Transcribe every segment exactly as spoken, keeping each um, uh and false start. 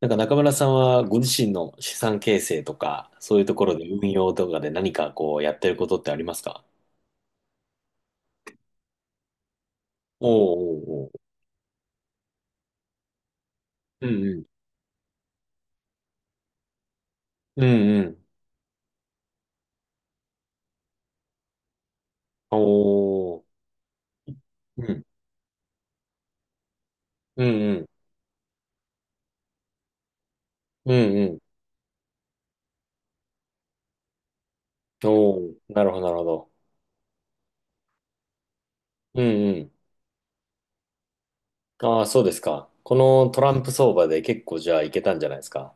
なんか中村さんはご自身の資産形成とか、そういうところで運用とかで何かこうやってることってありますか？おーおーおー。うんうん。うんうん。おー。うん。うんうん。うんうん。おー。なるほど、なるほど。うんうん。ああ、そうですか。このトランプ相場で結構じゃあいけたんじゃないですか？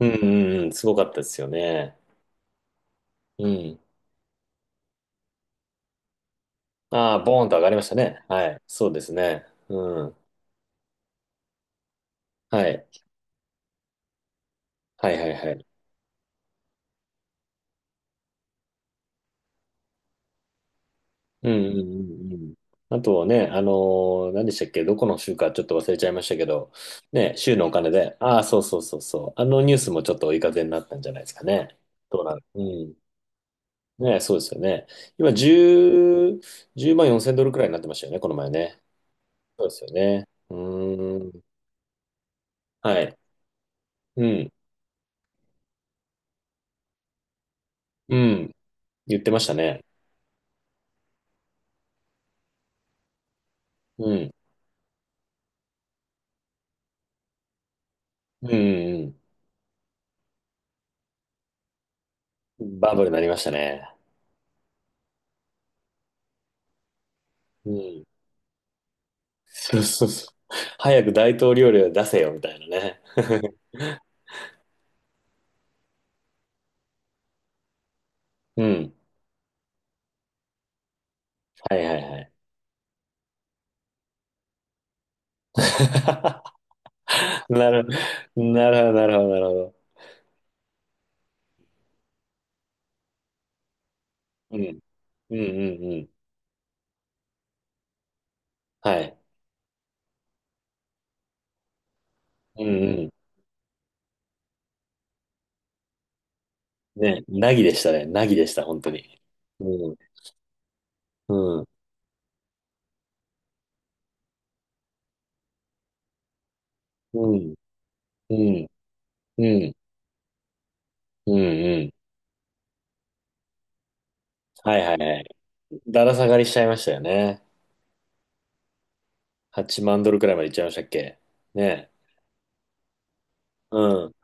うんうんうん。すごかったですよね。うん。ああ、ボーンと上がりましたね。はい。そうですね。うん。はい。はいはいはい。うんうんうんうん。あとね、あのー何でしたっけ、どこの州かちょっと忘れちゃいましたけど、ね、州のお金で、ああ、そうそうそうそう、あのニュースもちょっと追い風になったんじゃないですかね。どうなるうん。ね、そうですよね。今、じゅう、万よんせんドルくらいになってましたよね、この前ね。そうですよね。うーん。はい。うん。うん。言ってましたね。うん。うんうんうん。バブルになりましたね。うん。そうそうそう。早く大統領令を出せよ、みたいなね。うん。はいはいはい。なる、なるほど、なるほど、なるほど。うん。うんうんうん。はい。うんうん。ね、なぎでしたね。なぎでした、本当に。うん。うん。うん。うん。うん。うんうん。はいはいはい。だら下がりしちゃいましたよね。はちまんドルくらいまでいっちゃいましたっけね。うん。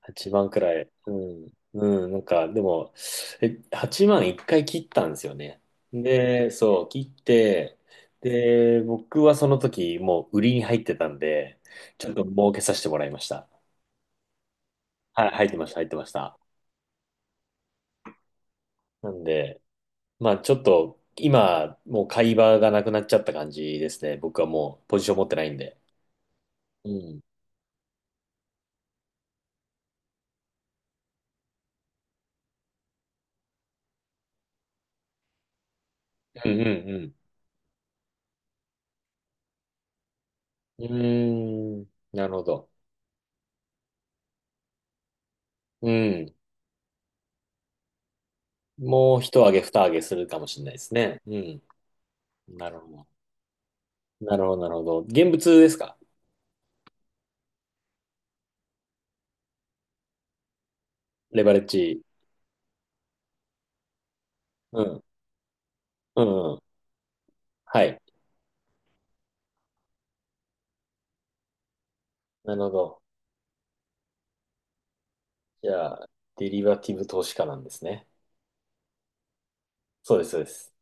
はちまんくらい。うん。うん。なんか、でも、え、はちまんいっかい切ったんですよね。で、そう、切って、で、僕はその時、もう売りに入ってたんで、ちょっと儲けさせてもらいました。はい、入ってました、入ってました。なんで、まあちょっと、今、もう買い場がなくなっちゃった感じですね。僕はもうポジション持ってないんで。うん。うんうんうん。うーん。なるほど。うん。もう一上げ二上げするかもしれないですね。うん。なるほど。なるほど、なるほど。現物ですか？レバレッジ。うん。うん、うん。はい。なるほど。じゃあ、デリバティブ投資家なんですね。そうです、そうです。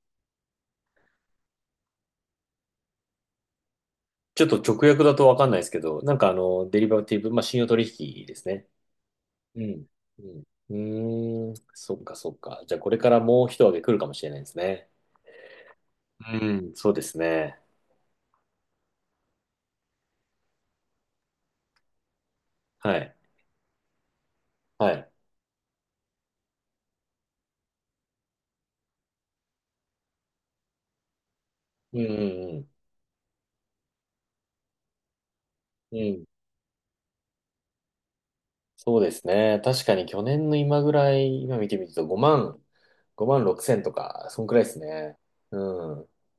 ちょっと直訳だとわかんないですけど、なんかあの、デリバティブ、まあ、信用取引ですね。うん。うん。うーん。そっか、そっか。じゃあ、これからもう一上げ来るかもしれないですね。うん。そうですね。はい。はい。うん、うん、うん。うんそうですね。確かに去年の今ぐらい、今見てみるとごまん、ごまんろくせんとか、そんくらいですね。う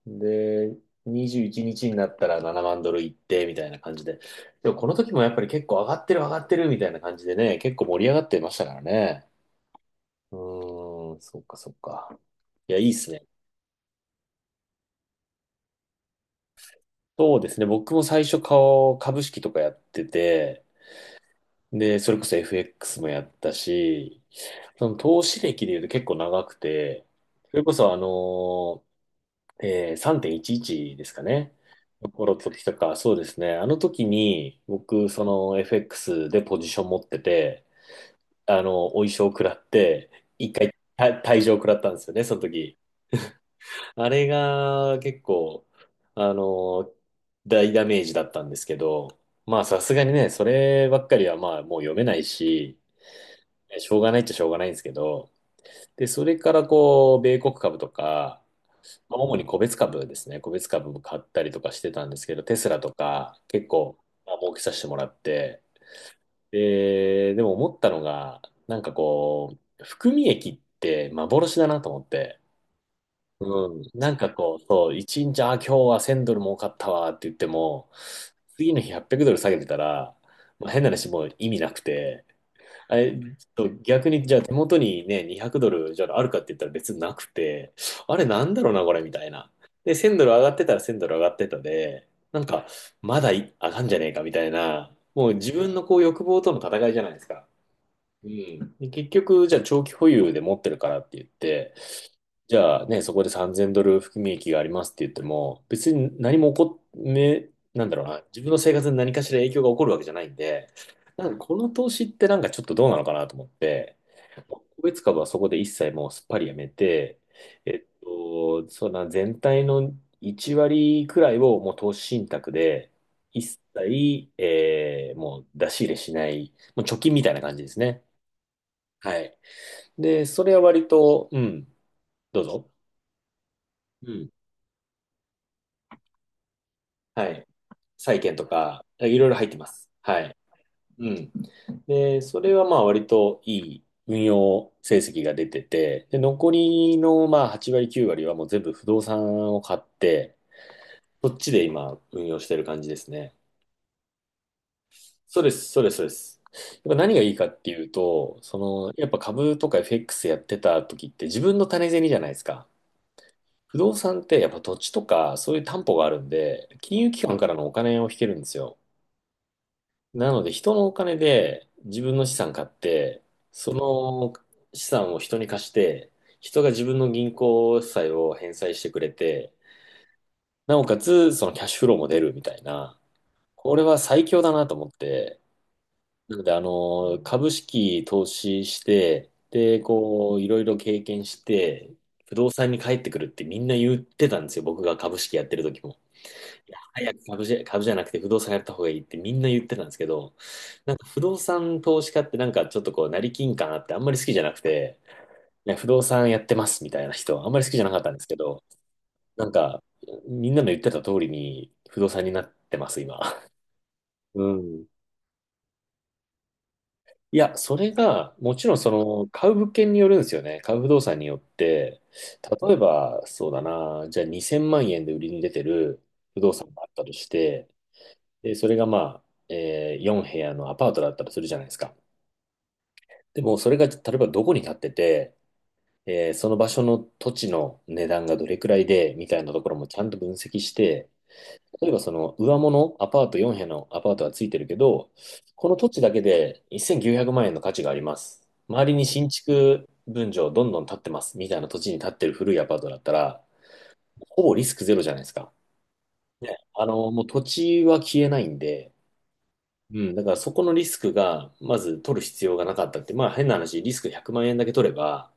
ん。で、にじゅういちにちにちになったらななまんドルいって、みたいな感じで。でもこの時もやっぱり結構上がってる上がってるみたいな感じでね、結構盛り上がってましたからね。うーん、そっかそっか。いや、いいっすね。そうですね。僕も最初顔、株式とかやってて、で、それこそ エフエックス もやったし、その投資歴で言うと結構長くて、それこそあのーえーさんてんいちいちですかね。の頃の時とか、そうですね。あの時に僕、その エフエックス でポジション持ってて、あの、お衣装食らって、一回た退場食らったんですよね、その時。あれが結構、あの大ダメージだったんですけど、まあさすがにね、そればっかりはまあもう読めないし、しょうがないっちゃしょうがないんですけど、で、それからこう、米国株とか、まあ主に個別株ですね、個別株も買ったりとかしてたんですけど、テスラとか結構、まあ、儲けさせてもらって、で、でも思ったのが、なんかこう、含み益って幻だなと思って、うん、なんかこう、そう、一日、あ、今日はせんドル儲かったわって言っても、次の日はっぴゃくドル下げてたら、まあ、変な話もう意味なくて、あれ、ちょっと逆に、じゃあ手元にね、にひゃくドル、じゃああるかって言ったら別になくて、あれなんだろうな、これ、みたいな。で、せんドル上がってたらせんドル上がってたで、なんか、まだい上がんじゃねえか、みたいな、もう自分のこう欲望との戦いじゃないですか。うん。で結局、じゃあ長期保有で持ってるからって言って、じゃあね、そこでさんぜんドル含み益がありますって言っても、別に何も起こっ、め、なんだろうな、自分の生活に何かしら影響が起こるわけじゃないんで、なんかこの投資ってなんかちょっとどうなのかなと思って、個別株はそこで一切もうすっぱりやめて、えっと、そうだな、全体のいち割くらいをもう投資信託で、一切、えーもう出し入れしない、もう貯金みたいな感じですね。はい。で、それは割と、うん、どうぞ。うん。はい。債券とか、いろいろ入ってます。はい。うん。で、それはまあ割といい運用成績が出てて、で、残りのまあはち割、きゅう割はもう全部不動産を買って、そっちで今運用してる感じですね。そうです、そうです、そうです。やっぱ何がいいかっていうと、その、やっぱ株とか エフエックス やってた時って自分の種銭じゃないですか。不動産ってやっぱ土地とかそういう担保があるんで、金融機関からのお金を引けるんですよ。なので、人のお金で自分の資産買って、その資産を人に貸して、人が自分の銀行債を返済してくれて、なおかつ、そのキャッシュフローも出るみたいな、これは最強だなと思って、なので、あの、株式投資して、で、こう、いろいろ経験して、不動産に帰ってくるってみんな言ってたんですよ、僕が株式やってる時も。早く株じゃ、株じゃなくて不動産やった方がいいってみんな言ってたんですけど、なんか不動産投資家ってなんかちょっとこう、成金感あってあんまり好きじゃなくて、いや不動産やってますみたいな人、あんまり好きじゃなかったんですけど、なんか、みんなの言ってた通りに不動産になってます、今。うん。いや、それが、もちろんその、買う物件によるんですよね。買う不動産によって、例えば、そうだな、じゃあにせんまん円で売りに出てる不動産があったとして、で、それがまあ、えー、よん部屋のアパートだったとするじゃないですか。でも、それが例えばどこに建ってて、えーその場所の土地の値段がどれくらいで、みたいなところもちゃんと分析して、例えばその上物、アパートよん部屋のアパートはついてるけど、この土地だけでせんきゅうひゃくまん円の価値があります。周りに新築分譲どんどん建ってます、みたいな土地に建ってる古いアパートだったら、ほぼリスクゼロじゃないですか。ね、あの、もう土地は消えないんで、うん、だからそこのリスクが、まず取る必要がなかったって、まあ変な話、リスクひゃくまん円だけ取れば、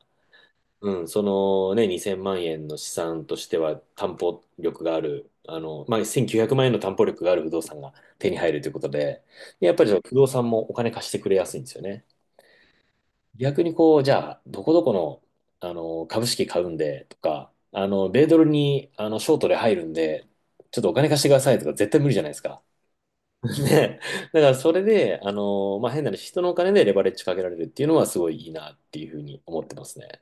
うん、そのね、にせんまん円の資産としては担保力がある、あの、まあせんきゅうひゃくまん円の担保力がある不動産が手に入るということで、でやっぱりその不動産もお金貸してくれやすいんですよね。逆にこう、じゃあ、どこどこの、あの、株式買うんでとか、あの、米ドルに、あの、ショートで入るんで、ちょっとお金貸してくださいとか絶対無理じゃないですか。ね、だからそれで、あのまあ、変な話、人のお金でレバレッジかけられるっていうのはすごいいいなっていうふうに思ってますね。